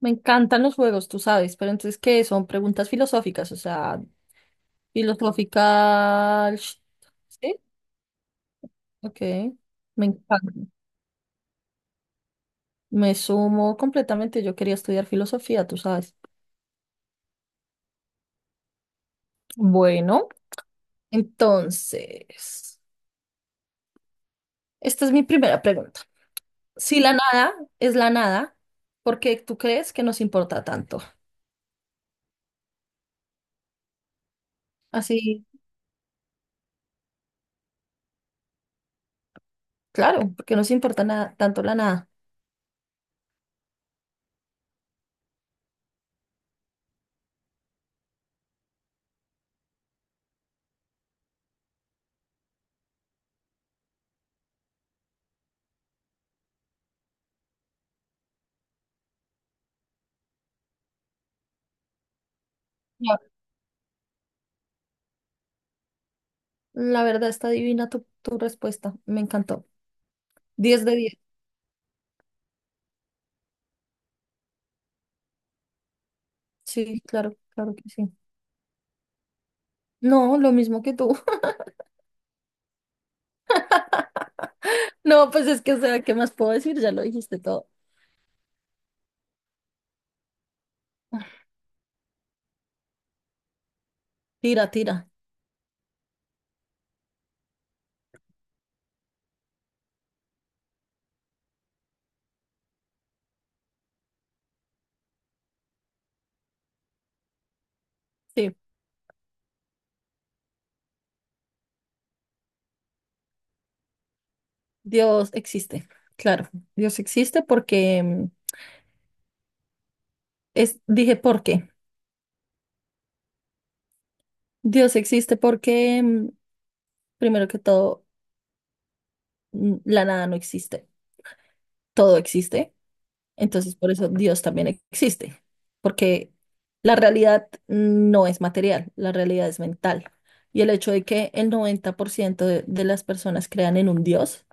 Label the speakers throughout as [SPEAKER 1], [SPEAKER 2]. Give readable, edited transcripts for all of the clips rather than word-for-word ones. [SPEAKER 1] Me encantan los juegos, tú sabes, pero entonces, ¿qué? Son preguntas filosóficas, o sea, filosófica. Sí, ok. Me encanta. Me sumo completamente. Yo quería estudiar filosofía, tú sabes. Bueno, entonces, esta es mi primera pregunta. Si la nada es la nada, ¿por qué tú crees que nos importa tanto? Así, claro, porque nos importa nada, tanto la nada. Ya. La verdad está divina tu respuesta. Me encantó. Diez de 10. Sí, claro, claro que sí. No, lo mismo que tú. No, pues es que, o sea, ¿qué más puedo decir? Ya lo dijiste todo. Tira, tira. Sí, Dios existe. Claro, Dios existe porque es, dije, ¿por qué? Dios existe porque, primero que todo, la nada no existe. Todo existe. Entonces, por eso Dios también existe. Porque la realidad no es material, la realidad es mental. Y el hecho de que el 90% de las personas crean en un Dios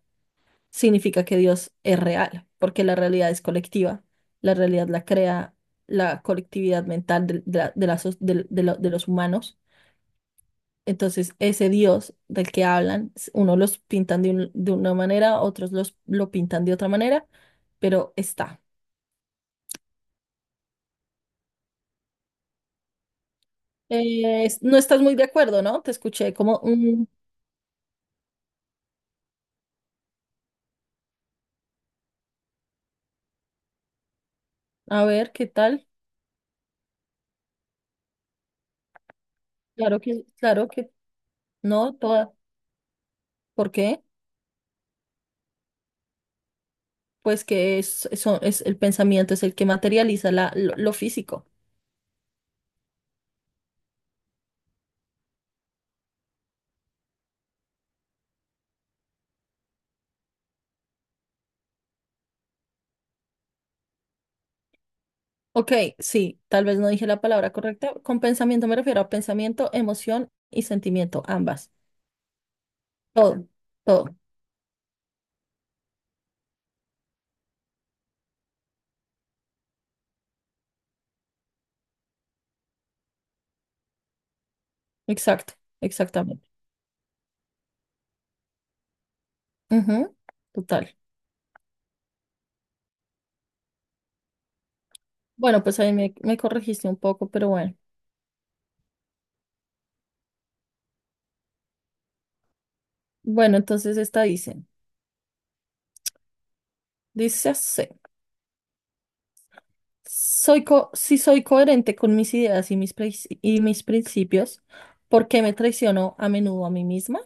[SPEAKER 1] significa que Dios es real, porque la realidad es colectiva. La realidad la crea la colectividad mental de los humanos. Entonces, ese Dios del que hablan, unos los pintan de una manera, otros lo pintan de otra manera, pero está. No estás muy de acuerdo, ¿no? Te escuché como: "Mm". A ver, ¿qué tal? Claro que no, toda. ¿Por qué? Pues que es el pensamiento es el que materializa la, lo físico. Ok, sí, tal vez no dije la palabra correcta. Con pensamiento me refiero a pensamiento, emoción y sentimiento, ambas. Todo, todo. Exacto, exactamente. Ujú, total. Bueno, pues ahí me corregiste un poco, pero bueno. Bueno, entonces esta dice así. Si soy coherente con mis ideas y mis principios, ¿por qué me traiciono a menudo a mí misma?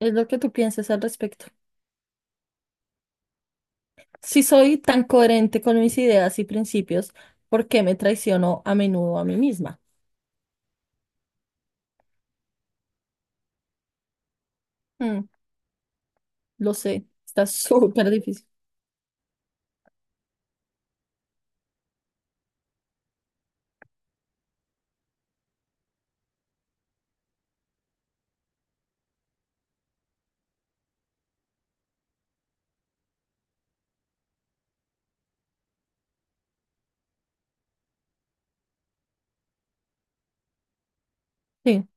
[SPEAKER 1] Es lo que tú piensas al respecto. Si soy tan coherente con mis ideas y principios, ¿por qué me traiciono a menudo a mí misma? Mm, lo sé, está súper difícil. Sí.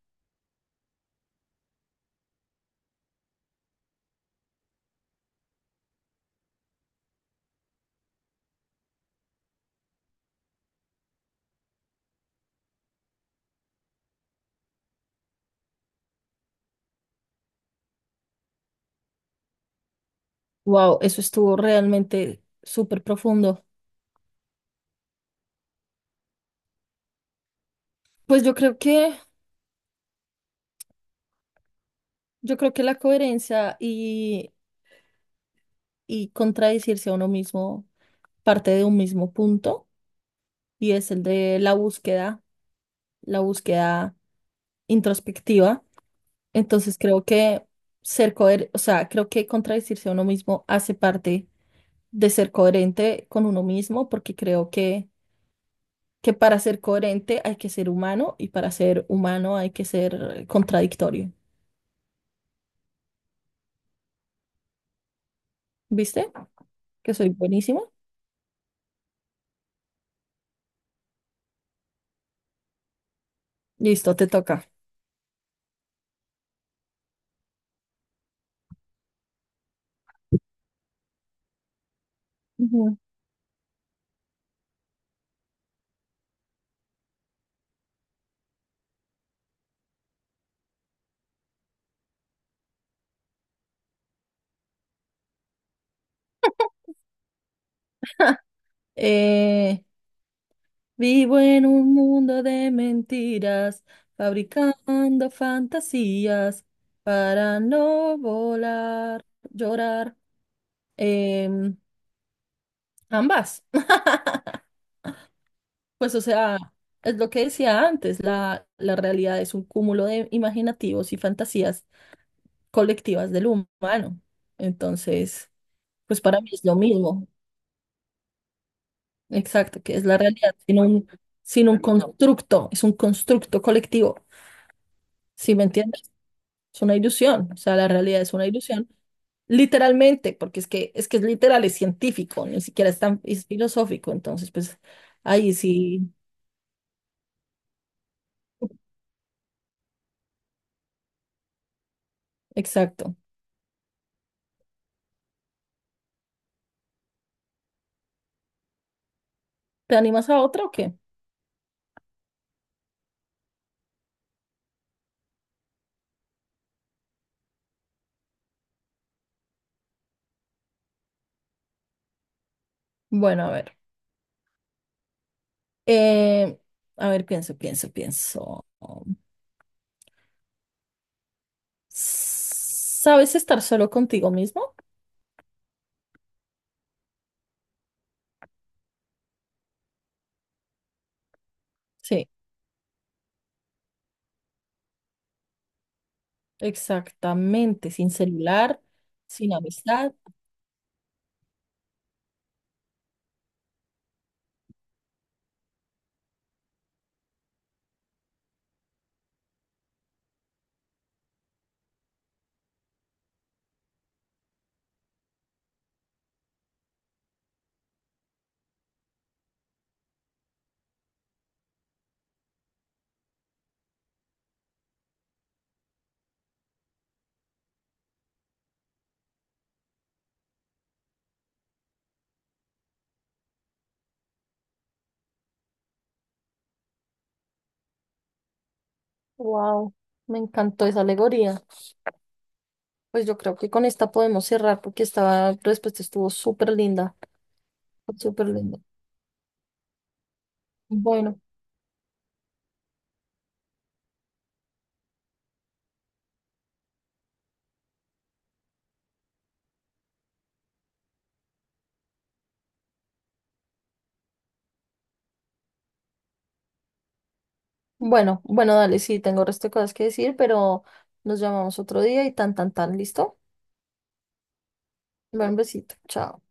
[SPEAKER 1] Wow, eso estuvo realmente súper profundo. Pues yo creo que la coherencia y contradecirse a uno mismo parte de un mismo punto y es el de la búsqueda introspectiva. Entonces creo que ser coherente, o sea, creo que contradecirse a uno mismo hace parte de ser coherente con uno mismo, porque creo que para ser coherente hay que ser humano y para ser humano hay que ser contradictorio. ¿Viste? Que soy buenísimo. Listo, te toca. Ujú. Eh, Vivo en un mundo de mentiras, fabricando fantasías para no volar, llorar. Em, Ambas. Pues o sea, es lo que decía antes, la realidad es un cúmulo de imaginativos y fantasías colectivas del humano. Entonces, pues para mí es lo mismo, exacto, que es la realidad, sin un constructo, es un constructo colectivo, ¿sí me entiendes? Es una ilusión, o sea, la realidad es una ilusión, literalmente, porque es que es literal, es científico, ni siquiera es filosófico, entonces pues ahí sí, exacto. ¿Te animas a otra o qué? Bueno, a ver. Eh, a ver, pienso, pienso, pienso. ¿Sabes estar solo contigo mismo? Sí, exactamente, sin celular, sin amistad. Wow, me encantó esa alegoría. Pues yo creo que con esta podemos cerrar porque esta respuesta estuvo súper linda, súper linda. Bueno, bueno, bueno, dale, sí, tengo resto de cosas que decir, pero nos llamamos otro día y tan, tan, tan, ¿listo? Bueno, un besito, chao.